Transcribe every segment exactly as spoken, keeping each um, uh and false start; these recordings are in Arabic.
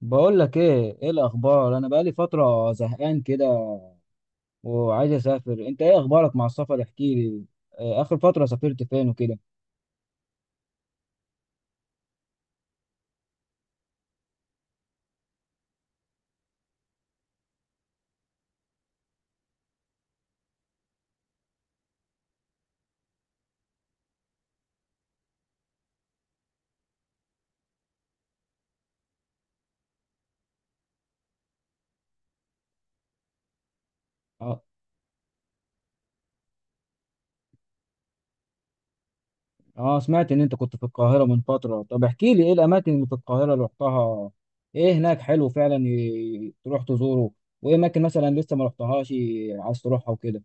بقول لك ايه، ايه الاخبار؟ انا بقالي فتره زهقان كده وعايز اسافر. انت ايه اخبارك مع السفر؟ احكي لي. آه، اخر فتره سافرت فين وكده؟ اه. آه، سمعت ان انت كنت في القاهره من فتره. طب احكي لي ايه الاماكن اللي في القاهره اللي رحتها؟ ايه هناك حلو فعلا ي- تروح تزوره؟ وايه اماكن مثلا لسه ما رحتهاش عايز تروحها وكده؟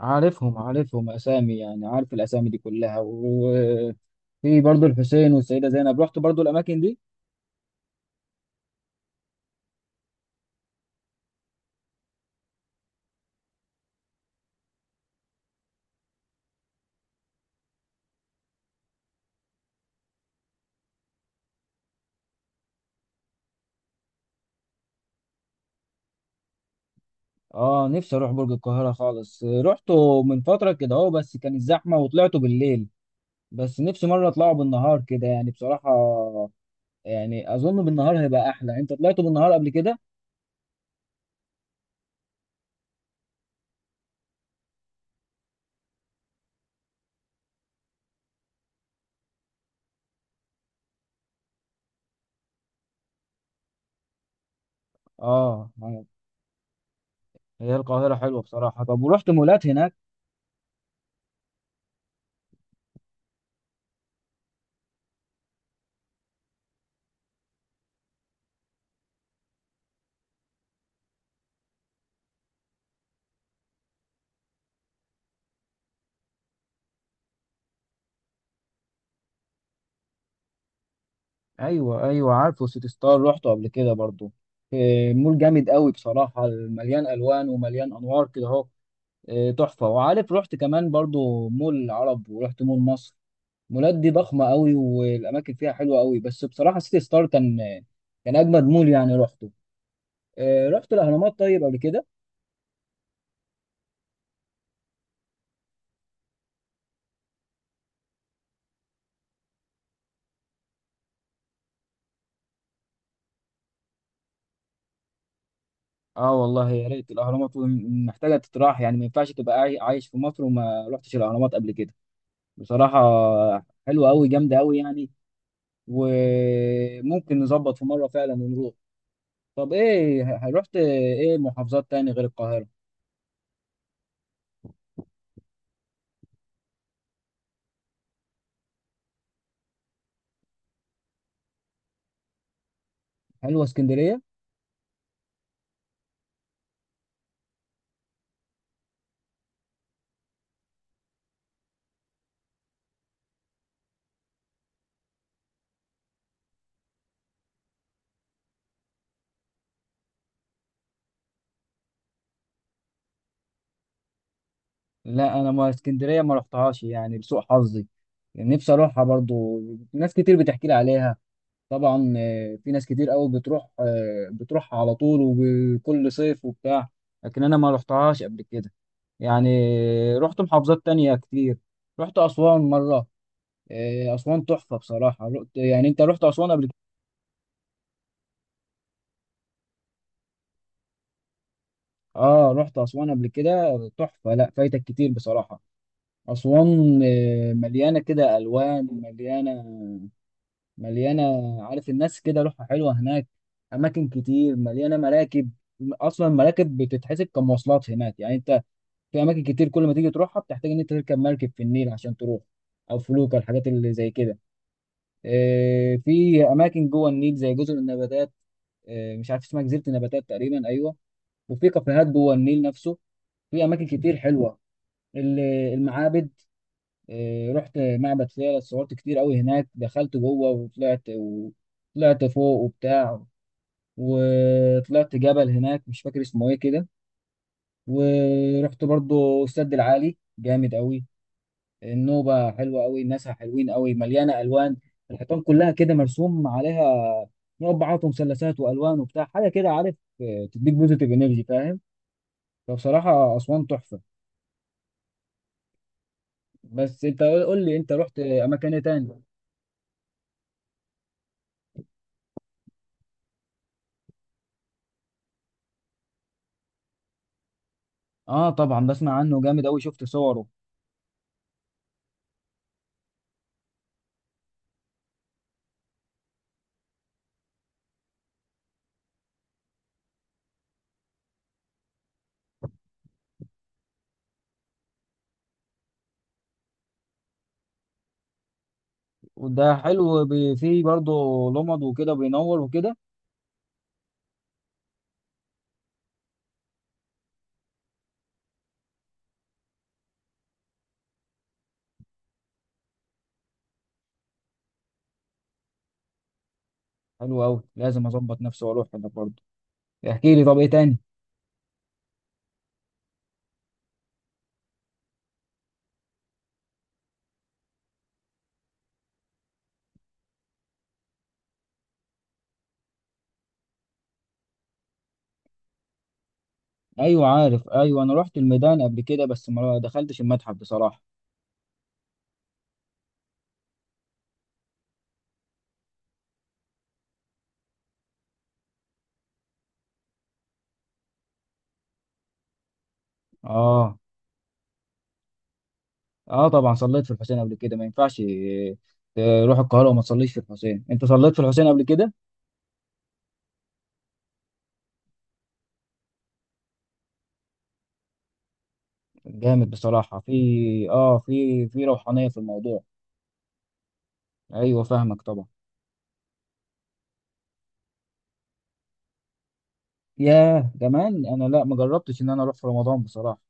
عارفهم عارفهم اسامي، يعني عارف الاسامي دي كلها. وفي برضو الحسين والسيده زينب، رحت برضو الاماكن دي. اه، نفسي اروح برج القاهرة خالص. رحته من فترة كده اهو، بس كانت زحمة وطلعته بالليل. بس نفسي مرة اطلعه بالنهار كده يعني، بصراحة يعني اظن بالنهار هيبقى احلى. انت طلعته بالنهار قبل كده؟ اه. هي القاهرة حلوة بصراحة. طب ورحت مولات هناك؟ ايوه ايوه، عارفه سيتي ستار، رحته قبل كده برضو. آه، مول جامد قوي بصراحة، مليان الوان ومليان انوار كده اهو. آه، تحفة. وعارف رحت كمان برضو مول العرب ورحت مول مصر. مولات دي ضخمه قوي والاماكن فيها حلوه قوي، بس بصراحه سيتي ستار كان كان اجمد مول يعني رحته. آه، رحت الاهرامات طيب قبل كده؟ اه والله يا ريت. الاهرامات وم- محتاجه تتراح، يعني ما ينفعش تبقى عاي- عايش في مصر وما رحتش الاهرامات قبل كده بصراحه. حلوه قوي، جامده قوي يعني. وممكن نظبط في مره فعلا ونروح. طب ايه ه- رحت ايه محافظات تاني غير القاهره؟ حلوه اسكندريه. لا انا ما اسكندريه ما رحتهاش يعني لسوء حظي. يعني نفسي اروحها برضو، ناس كتير بتحكي لي عليها. طبعا آه، في ناس كتير قوي بتروح، آه، بتروح على طول وكل صيف وبتاع. لكن انا ما رحتهاش قبل كده يعني. آه، رحت محافظات تانية كتير. رحت اسوان مره. آه، اسوان تحفه بصراحه. رحت، يعني انت رحت اسوان قبل كده؟ اه رحت اسوان قبل كده. تحفه، لا فايتك كتير بصراحه. اسوان آه، مليانه كده الوان، مليانه، مليانة. عارف الناس كده روحها حلوة هناك. أماكن كتير مليانة مراكب، أصلا المراكب بتتحسب كمواصلات هناك، يعني أنت في أماكن كتير كل ما تيجي تروحها بتحتاج إن أنت تركب مركب في النيل عشان تروح، أو فلوكة، الحاجات اللي زي كده. آه، في أماكن جوه النيل زي جزر النباتات. آه، مش عارف اسمها، جزيرة النباتات تقريبا، أيوه. وفي كافيهات جوه النيل نفسه. في أماكن كتير حلوة. ال- المعابد. آه، رحت معبد فيلة، صورت كتير قوي هناك، دخلت جوه وطلعت و... طلعت فوق وبتاع. وطلعت جبل هناك مش فاكر اسمه ايه كده. ورحت برضو السد العالي، جامد قوي. النوبة حلوة قوي، الناس حلوين قوي، مليانة ألوان، الحيطان كلها كده مرسوم عليها مربعات ومثلثات وألوان وبتاع، حاجة كده عارف، آه، تديك بوزيتيف انرجي فاهم. فبصراحة أسوان تحفة. بس أنت قول، قول لي أنت رحت أماكن إيه تاني؟ آه طبعا، بسمع عنه جامد أوي، شفت صوره. وده حلو بي- فيه برضه لمض وكده، بينور وكده. حلو أوي، لازم أظبط نفسي وأروح هناك برضه. احكي لي طب ايه تاني؟ ايوه عارف، ايوه انا رحت الميدان قبل كده بس ما دخلتش المتحف بصراحه. اه. اه طبعا صليت في الحسين قبل كده، ما ينفعش آه، تروح القاهره وما تصليش في الحسين. انت صليت في الحسين قبل كده؟ جامد بصراحه، في اه في في روحانيه في الموضوع. ايوه فاهمك طبعا. ياه، كمان انا لا ما جربتش ان انا اروح في رمضان بصراحه.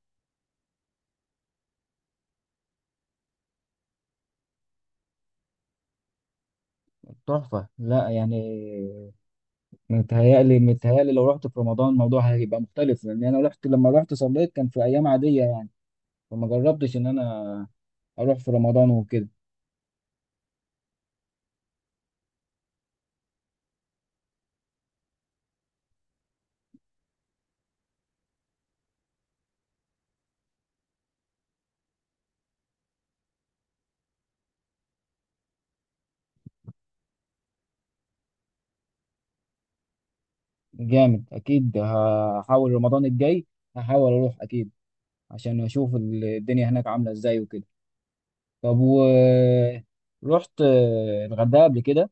تحفه، لا يعني. متهيألي، متهيألي لو رحت في رمضان الموضوع هيبقى مختلف، لان انا رحت لما رحت صليت كان في ايام عاديه يعني. فما جربتش ان انا اروح في رمضان وكده. جامد، اكيد هحاول رمضان الجاي هحاول اروح اكيد، عشان اشوف الدنيا هناك عامله ازاي وكده. طب و رحت آه، الغردقه قبل كده؟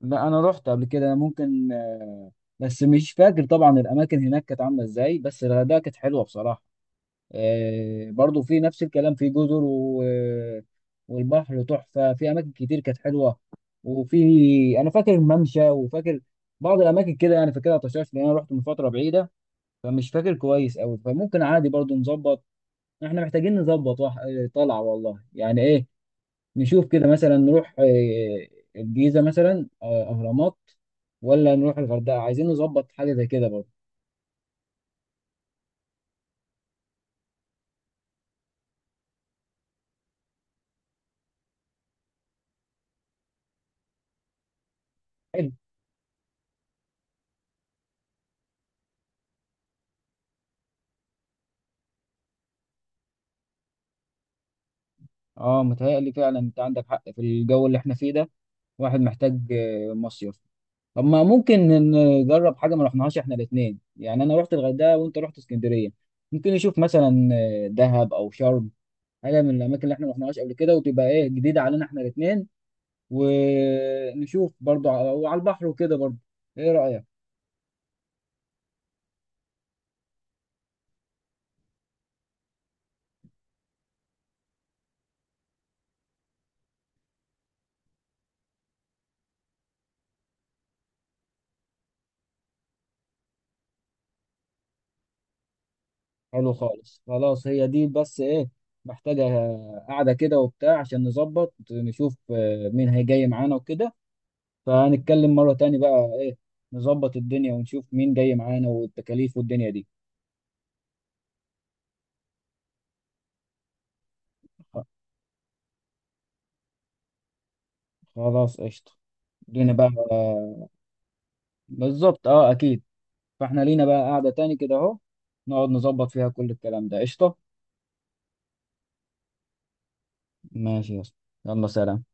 لا انا رحت قبل كده. ممكن آه، بس مش فاكر طبعا الاماكن هناك كانت عامله ازاي، بس الغردقه كانت حلوه بصراحه. آه، برضو في نفس الكلام، في جزر و... والبحر تحفة، في أماكن كتير كانت حلوة. وفي، أنا فاكر ممشى وفاكر بعض الأماكن كده يعني، فاكرها طشاش لأن أنا رحت من فترة بعيدة فمش فاكر كويس أوي. فممكن عادي برضو نظبط، إحنا محتاجين نظبط وح... آه، طلعة والله، يعني إيه نشوف كده مثلا، نروح آه، الجيزة مثلا، آه، أهرامات، ولا نروح الغردقة. عايزين نظبط حاجة زي كده برضو. حلو. اه متهيألي فعلا أنت عندك حق، في الجو اللي إحنا فيه ده واحد محتاج آه، مصيف. طب ما ممكن نجرب حاجه ما رحناهاش احنا الاثنين، يعني انا رحت الغردقه وانت رحت اسكندريه، ممكن نشوف مثلا آه، دهب او شرم، حاجه من الاماكن اللي احنا ما رحناهاش قبل كده وتبقى ايه جديده علينا احنا الاثنين، ونشوف برضو على وعلى البحر وكده برضو. ايه رايك؟ حلو خالص، خلاص هي دي. بس ايه، محتاجه قاعده كده وبتاع عشان نظبط، نشوف آه، مين هيجي معانا وكده. فهنتكلم مرة تاني بقى ايه، نظبط الدنيا ونشوف مين جاي معانا والتكاليف والدنيا دي. خ- خلاص قشطة، لينا بقى. بالظبط، اه اكيد. فاحنا لينا بقى قاعدة تاني كده اهو، نقعد نظبط فيها كل الكلام ده. قشطة. ماشي يا اسطى. يلا سلام.